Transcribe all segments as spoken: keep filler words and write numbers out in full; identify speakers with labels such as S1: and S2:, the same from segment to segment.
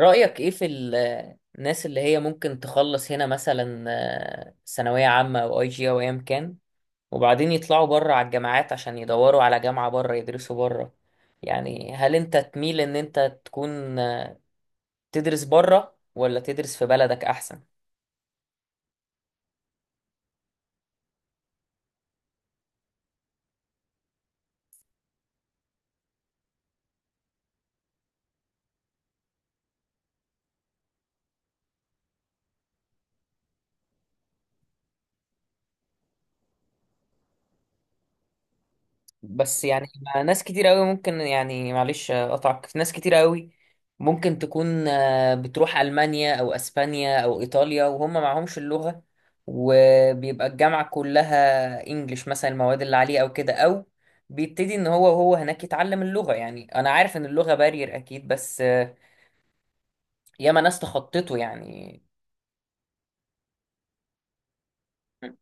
S1: رأيك ايه في ال- الناس اللي هي ممكن تخلص هنا مثلا، آه، ثانوية عامة او اي جي او ايا كان، وبعدين يطلعوا بره على الجامعات عشان يدوروا على جامعة بره يدرسوا بره. يعني هل انت تميل ان انت تكون آه، تدرس بره ولا تدرس في بلدك احسن؟ بس يعني ما- ناس كتير قوي ممكن، يعني معلش اقطعك، ناس كتير قوي ممكن تكون آه، بتروح المانيا او اسبانيا او ايطاليا وهم معهمش اللغه، وبيبقى الجامعه كلها انجليش مثلا، المواد اللي عليه او كده، او بيبتدي ان هو وهو هناك يتعلم اللغه. يعني انا عارف ان اللغه بارير اكيد، بس آه، ياما ناس تخطته يعني. م.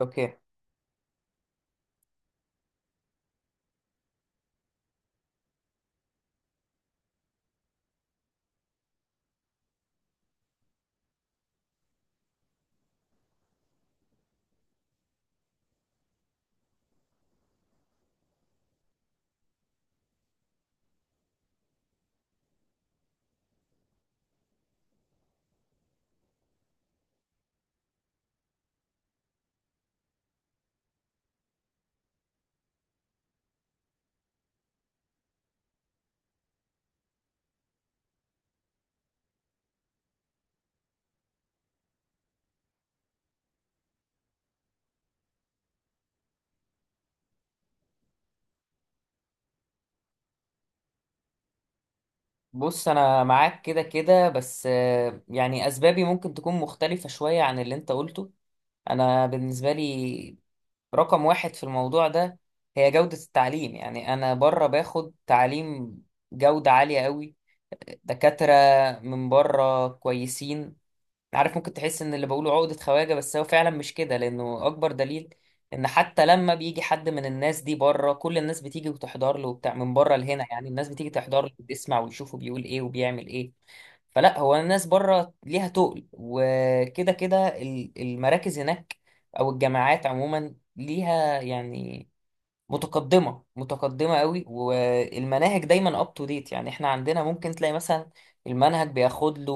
S1: اوكي. بص انا معاك كده كده، بس آه، يعني اسبابي ممكن تكون مختلفة شوية عن اللي انت قلته. انا بالنسبه لي رقم واحد في الموضوع ده هي جوده التعليم. يعني انا بره باخد تعليم جوده عاليه قوي، دكاتره من بره كويسين. عارف ممكن تحس ان اللي بقوله عقدة خواجة، بس هو فعلا مش كده، لانه اكبر دليل ان حتى لما بيجي حد من الناس دي بره كل الناس بتيجي وتحضر له وبتاع، من بره لهنا يعني الناس بتيجي تحضر له وتسمع ويشوفه بيقول ايه وبيعمل ايه. فلا هو الناس بره ليها تقل، وكده كده ال- المراكز هناك او الجامعات عموما ليها يعني متقدمة متقدمة قوي، والمناهج دايما اب تو ديت. يعني احنا عندنا ممكن تلاقي مثلا المنهج بياخد له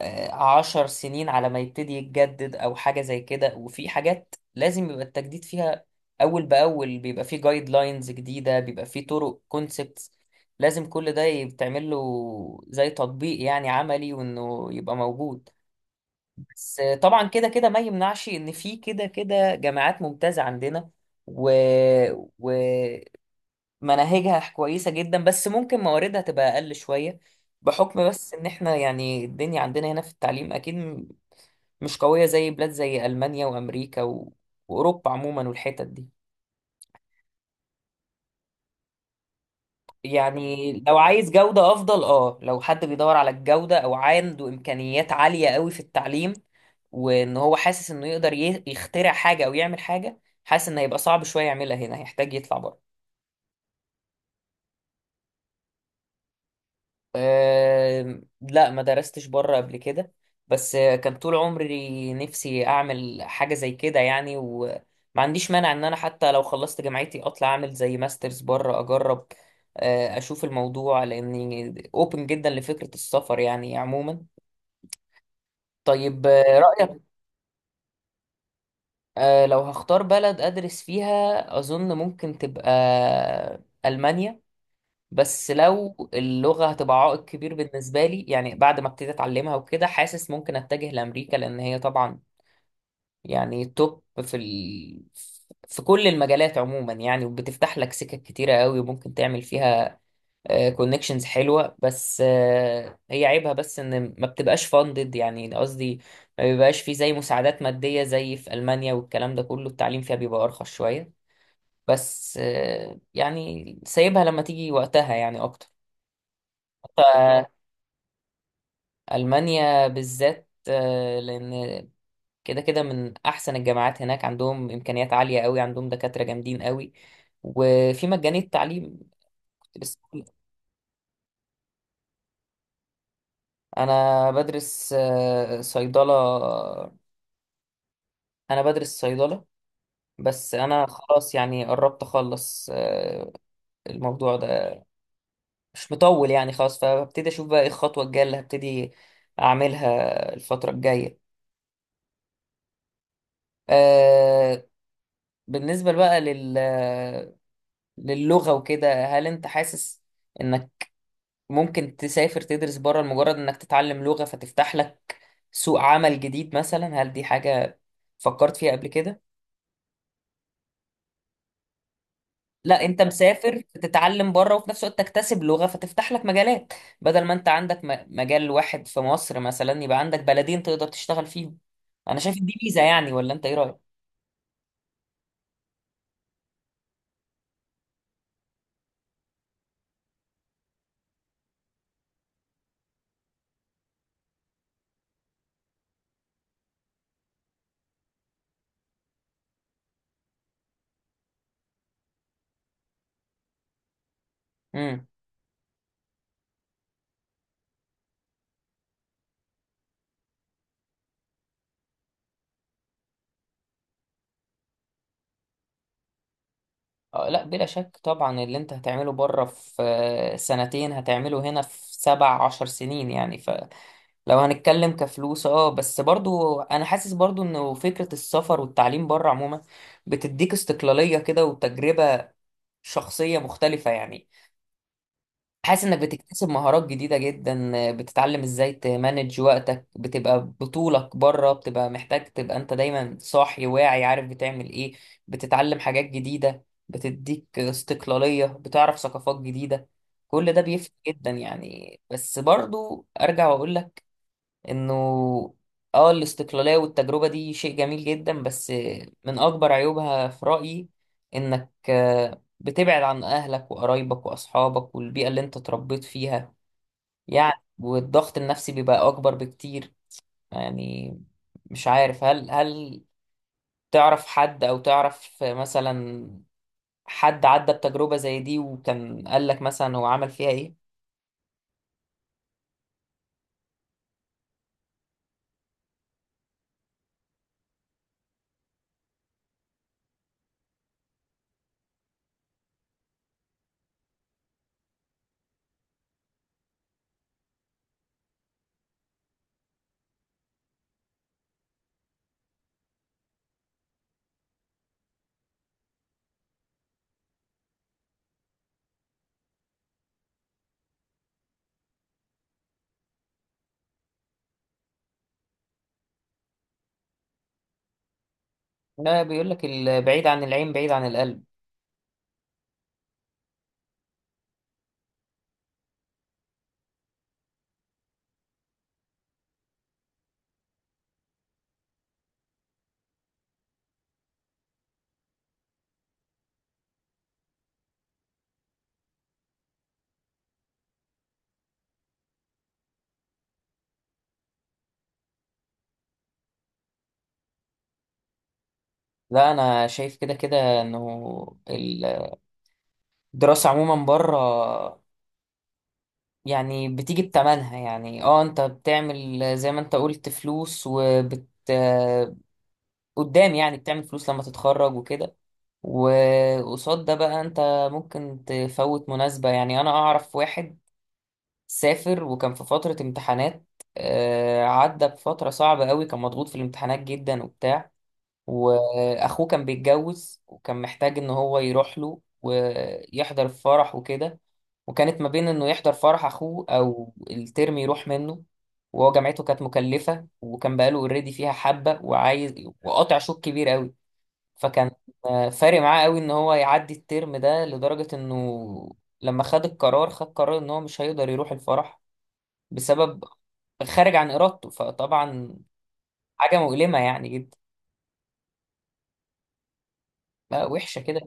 S1: آه، عشر سنين على ما يبتدي يتجدد او حاجه زي كده، وفي حاجات لازم يبقى التجديد فيها اول باول، بيبقى فيه جايد لاينز جديده، بيبقى فيه طرق كونسبتس، لازم كل ده يتعمل له زي تطبيق يعني عملي وانه يبقى موجود. بس آه، طبعا كده كده ما يمنعش ان في كده كده جامعات ممتازه عندنا و... مناهجها كويسة جدا، بس ممكن مواردها تبقى أقل شوية، بحكم بس إن إحنا يعني الدنيا عندنا هنا في التعليم أكيد م- مش قوية زي بلاد زي ألمانيا وأمريكا و... وأوروبا عموما والحتت دي. يعني لو عايز جودة أفضل أه لو حد بيدور على الجودة أو عنده إمكانيات عالية قوي في التعليم، وإن هو حاسس إنه يقدر ي- يخترع حاجة أو يعمل حاجة، حاسس إن هيبقى صعب شوية يعملها هنا، هيحتاج يطلع بره. أه لا، ما درستش بره قبل كده، بس آه، كان طول عمري نفسي اعمل حاجه زي كده يعني، وما عنديش مانع ان انا حتى لو خلصت جامعتي اطلع اعمل زي ماسترز بره اجرب، آه، اشوف الموضوع، لاني اوبن جدا لفكره السفر يعني عموما. طيب آه، رايك. آه، لو هختار بلد ادرس فيها اظن ممكن تبقى المانيا، بس لو اللغة هتبقى عائق كبير بالنسبة لي يعني بعد ما ابتديت أتعلمها وكده، حاسس ممكن أتجه لأمريكا، لأن هي طبعا يعني توب في ال... في كل المجالات عموما يعني، وبتفتح لك سكك كتيرة قوي وممكن تعمل فيها كونكشنز حلوة. بس آه، هي عيبها بس إن ما بتبقاش فاندد، يعني قصدي ما بيبقاش في زي مساعدات مادية زي في ألمانيا والكلام ده كله، التعليم فيها بيبقى أرخص شوية. بس آه، يعني سايبها لما تيجي وقتها يعني. أكتر ألمانيا بالذات، آه، لأن كده كده من أحسن الجامعات هناك، عندهم إمكانيات عالية قوي، عندهم دكاترة جامدين قوي، وفي مجاني التعليم. كنت لسه بقول-. أنا بدرس آه، صيدلة، أنا بدرس صيدلة، بس أنا خلاص يعني قربت أخلص آه، الموضوع ده مش مطول يعني، خلاص فهبتدي أشوف بقى إيه الخطوة الجاية اللي هبتدي أعملها الفترة الجاية. آه، بالنسبة بقى للغة وكده، هل انت حاسس انك ممكن تسافر تدرس بره لمجرد انك تتعلم لغة فتفتح لك سوق عمل جديد مثلا؟ هل دي حاجة فكرت فيها قبل كده؟ لا، انت مسافر تتعلم بره وفي نفس الوقت تكتسب لغة فتفتح لك مجالات، بدل ما انت عندك م- مجال واحد في مصر مثلا يبقى عندك بلدين تقدر تشتغل فيهم. انا شايف إن دي ميزة يعني، ولا انت ايه رأيك؟ امم. آه، لا بلا شك طبعا، اللي انت هتعمله بره في آه، سنتين هتعمله هنا في سبع عشر سنين يعني، لو هنتكلم كفلوس. اه بس برضو انا حاسس برضو انه فكرة السفر والتعليم بره عموما بتديك استقلالية كده وتجربة شخصية مختلفة يعني. حاسس انك بتكتسب مهارات جديدة جدا، بتتعلم ازاي تمانج وقتك، بتبقى بطولك بره، بتبقى محتاج تبقى انت دايما صاحي واعي عارف بتعمل ايه، بتتعلم حاجات جديدة، بتديك استقلالية، بتعرف ثقافات جديدة. كل ده بيفرق جدا يعني. بس برضو ارجع واقول لك انه اه الاستقلالية والتجربة دي شيء جميل جدا، بس من اكبر عيوبها في رأيي انك آه، بتبعد عن اهلك وقرايبك واصحابك والبيئة اللي انت اتربيت فيها يعني، والضغط النفسي بيبقى اكبر بكتير يعني. مش عارف هل هل تعرف حد او تعرف مثلا حد عدى بتجربة زي دي وكان قالك مثلا هو عمل فيها ايه؟ لا، بيقولك البعيد عن العين بعيد عن القلب. لا، انا شايف كده كده انه الدراسة عموما بره يعني بتيجي بتمنها. يعني اه انت بتعمل زي ما انت قلت فلوس وبت آه، قدام، يعني بتعمل فلوس لما تتخرج وكده. وقصاد ده بقى انت ممكن تفوت مناسبة. يعني انا اعرف واحد سافر وكان في فترة امتحانات، آه، عدى بفترة صعبة قوي، كان مضغوط في الامتحانات جدا وبتاع، واخوه كان بيتجوز وكان محتاج ان هو يروح له ويحضر الفرح وكده، وكانت ما بين انه يحضر فرح اخوه او الترم يروح منه، وهو جامعته كانت مكلفة وكان بقاله اوريدي فيها حبة وعايز، وقاطع شوط كبير قوي. فكان آه، فارق معاه قوي ان هو يعدي الترم ده، لدرجة انه لما خد القرار خد قرار ان هو مش هيقدر يروح الفرح بسبب خارج عن ارادته. فطبعا حاجة مؤلمة يعني جدا. لا، وحشة كده.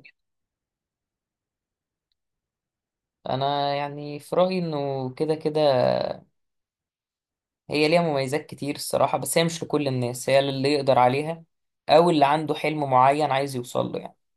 S1: انا يعني في رايي انه كده كده هي ليها مميزات كتير الصراحه، بس هي مش لكل الناس، هي للي يقدر عليها او اللي عنده حلم معين عايز يوصل له يعني.